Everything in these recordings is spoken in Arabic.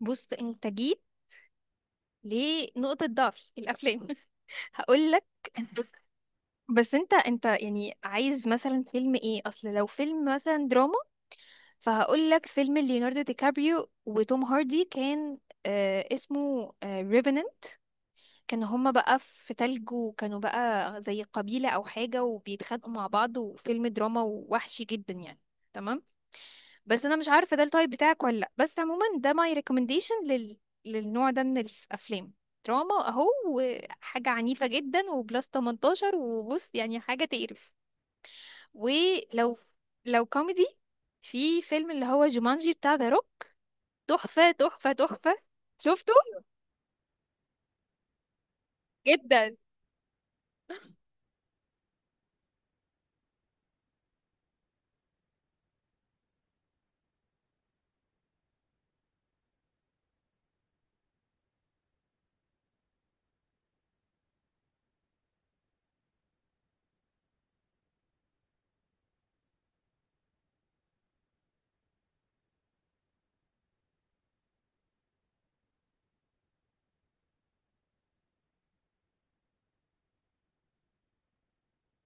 بص، انت جيت لنقطة ضعفي الافلام. هقول لك. بس بس انت يعني عايز مثلا فيلم ايه؟ اصل لو فيلم مثلا دراما، فهقول لك فيلم ليوناردو دي كابريو وتوم هاردي. كان اسمه ريفنن. كانوا هما بقى في تلج، وكانوا بقى زي قبيلة او حاجة وبيتخانقوا مع بعض، وفيلم دراما ووحشي جدا يعني. تمام. بس انا مش عارفه ده التايب بتاعك ولا لا، بس عموما ده ماي ريكومنديشن للنوع ده من الافلام. دراما اهو، وحاجه عنيفه جدا وبلس 18، وبص يعني حاجه تقرف. ولو كوميدي، في فيلم اللي هو جومانجي بتاع ذا روك. تحفه، تحفه، تحفه. شفته. جدا.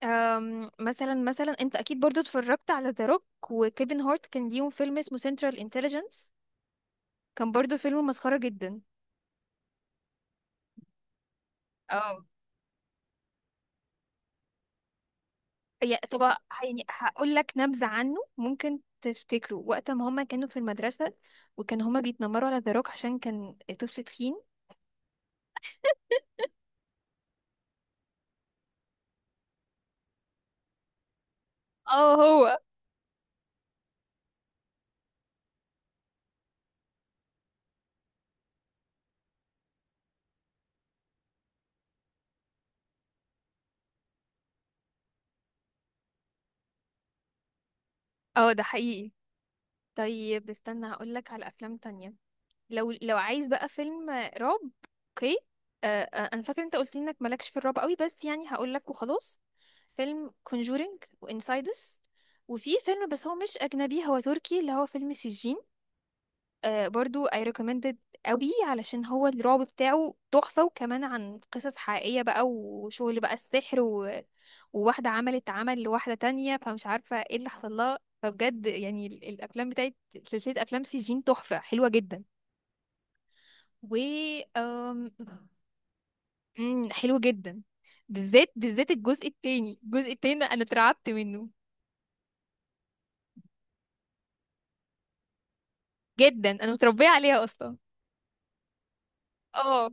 مثلا انت اكيد برضو اتفرجت على ذا روك وكيفن هارت، كان ليهم فيلم اسمه سنترال انتليجنس. كان برضو فيلم مسخره جدا. اه. يا طب، يعني هقول لك نبذة عنه ممكن تفتكره. وقت ما هما كانوا في المدرسة، وكان هما بيتنمروا على ذا روك عشان كان طفل تخين. اه، هو. اه ده حقيقي. طيب استنى، هقول لك على أفلام تانية. لو لو عايز بقى فيلم رعب. اوكي. انا فاكرة انت قلت لي انك مالكش في الرعب قوي، بس يعني هقول لك وخلاص. فيلم Conjuring وانسايدس. وفي فيلم بس هو مش أجنبي، هو تركي، اللي هو فيلم سجين. آه، برضو I recommended قوي، علشان هو الرعب بتاعه تحفة، وكمان عن قصص حقيقية بقى وشغل بقى السحر وواحدة عملت عمل لواحدة تانية، فمش عارفة ايه اللي حصل لها. فبجد يعني ال- الأفلام بتاعت سلسلة أفلام سجين تحفة حلوة جدا و أم... أم، حلو جدا. بالذات، بالذات الجزء التاني، الجزء التاني ده أنا اترعبت منه. جدا، أنا متربية عليها أصلا. اه.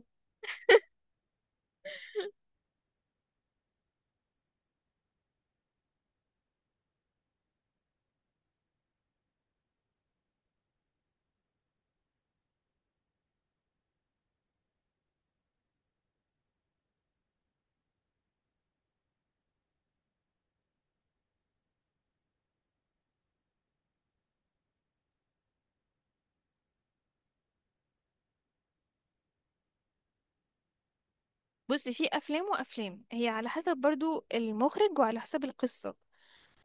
بص، في أفلام وأفلام، هي على حسب برضو المخرج وعلى حسب القصة.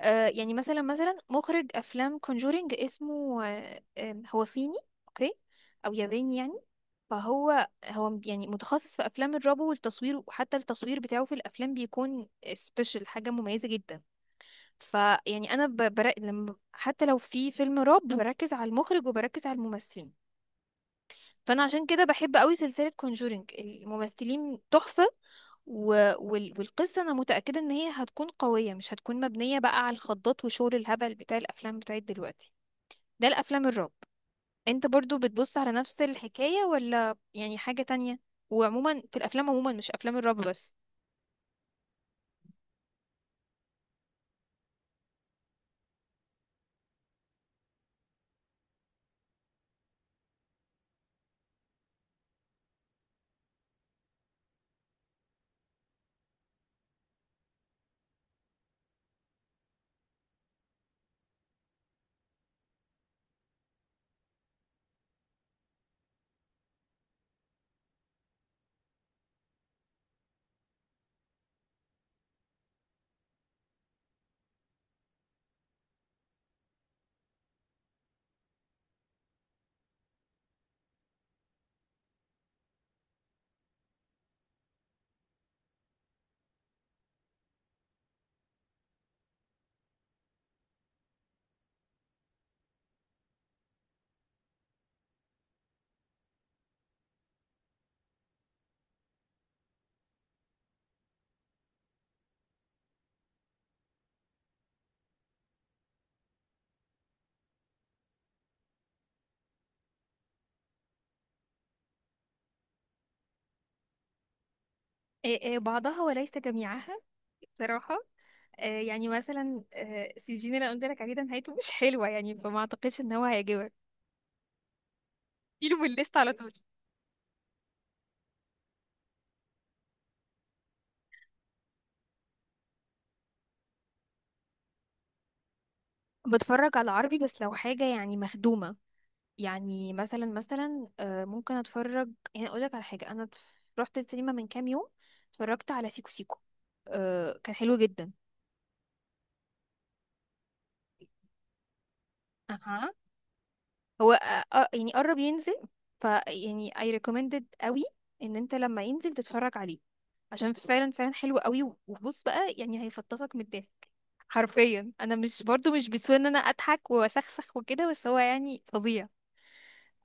آه يعني مثلا مخرج افلام كونجورينج، اسمه هو صيني. اوكي. او ياباني يعني. فهو يعني متخصص في افلام الرعب والتصوير، وحتى التصوير بتاعه في الافلام بيكون سبيشال، حاجه مميزه جدا. فيعني انا لما حتى لو في فيلم رعب بركز على المخرج وبركز على الممثلين. فانا عشان كده بحب قوي سلسله كونجورينج، الممثلين تحفه. و... والقصه انا متاكده ان هي هتكون قويه، مش هتكون مبنيه بقى على الخضات وشغل الهبل بتاع الافلام بتاعت دلوقتي، ده الافلام الرعب. انت برضو بتبص على نفس الحكايه ولا يعني حاجه تانية؟ وعموما في الافلام عموما، مش افلام الرعب بس. إيه بعضها وليس جميعها بصراحة. آه، يعني مثلا آه، سجين اللي أنا قلت لك عليه ده نهايته مش حلوة، يعني فما أعتقدش إن هو هيعجبك. شيله من الليست على طول. بتفرج على عربي، بس لو حاجة يعني مخدومة. يعني مثلا ممكن اتفرج، يعني اقول لك على حاجة. انا رحت السينما من كام يوم، اتفرجت على سيكو سيكو. كان حلو جدا. اها. هو يعني قرب ينزل، ف يعني I recommended قوي ان انت لما ينزل تتفرج عليه. عشان فعلا فعلا حلو قوي. وبص بقى يعني هيفطسك من الضحك حرفيا. انا مش برضو مش بسهولة ان انا اضحك واسخسخ وكده، بس هو يعني فظيع.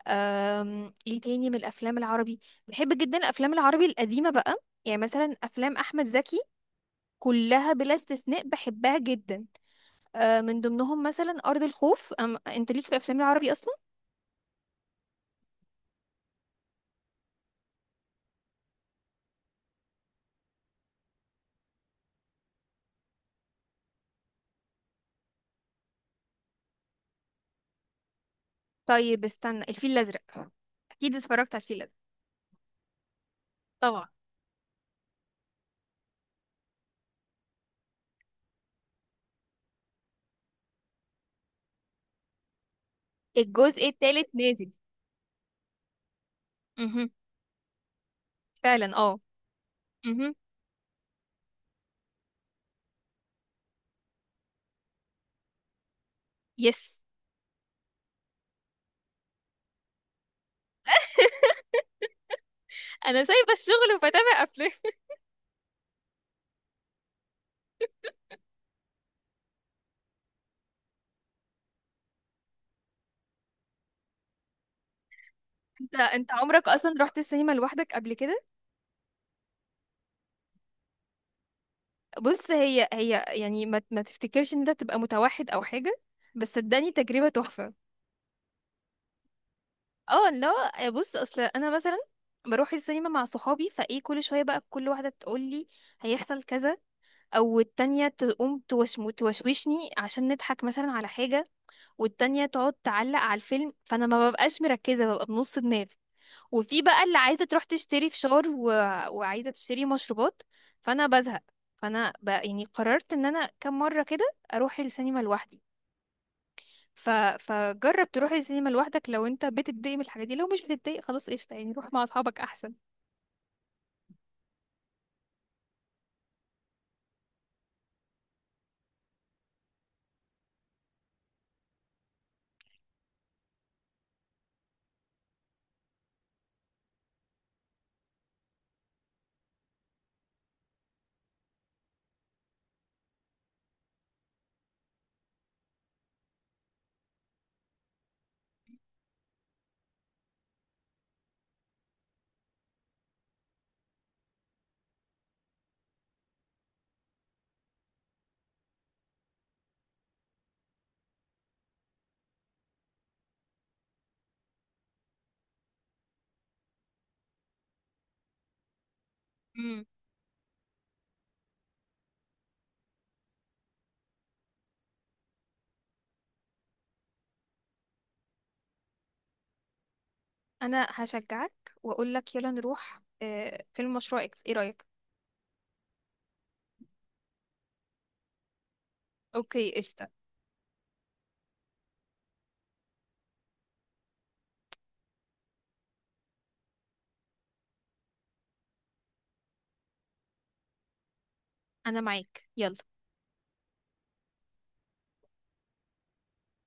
ايه تاني من الافلام العربي؟ بحب جدا الافلام العربي القديمه بقى. يعني مثلا افلام احمد زكي، كلها بلا استثناء بحبها جدا. من ضمنهم مثلا ارض الخوف. انت ليك في افلام العربي اصلا؟ طيب استنى، الفيل الازرق. اكيد اتفرجت على الفيل الازرق. طبعا. الجزء الثالث نازل. امم. فعلا اه. امم. يس. انا سايبه الشغل وبتابع افلام. انت عمرك اصلا رحت السينما لوحدك قبل كده؟ بص، هي يعني ما تفتكرش ان انت تبقى متوحد او حاجه، بس صدقني تجربه تحفه. اه لا بص، اصل انا مثلا بروح السينما مع صحابي، فايه كل شويه بقى كل واحده تقول لي هيحصل كذا، او التانية تقوم توشوشني عشان نضحك مثلا على حاجه، والتانية تقعد تعلق على الفيلم، فانا ما ببقاش مركزه، ببقى بنص دماغ. وفي بقى اللي عايزة تروح تشتري فشار وعايزة تشتري مشروبات. فأنا بزهق. فأنا بقى يعني قررت إن أنا كم مرة كده أروح السينما لوحدي. ف... فجرب تروح السينما لوحدك لو أنت بتتضايق من الحاجات دي. لو مش بتتضايق، خلاص قشطة يعني، روح مع أصحابك أحسن. امم. أنا هشجعك وأقولك يلا نروح فيلم مشروع إكس، إيه رأيك؟ أوكي قشطة. أنا معاك، يلا.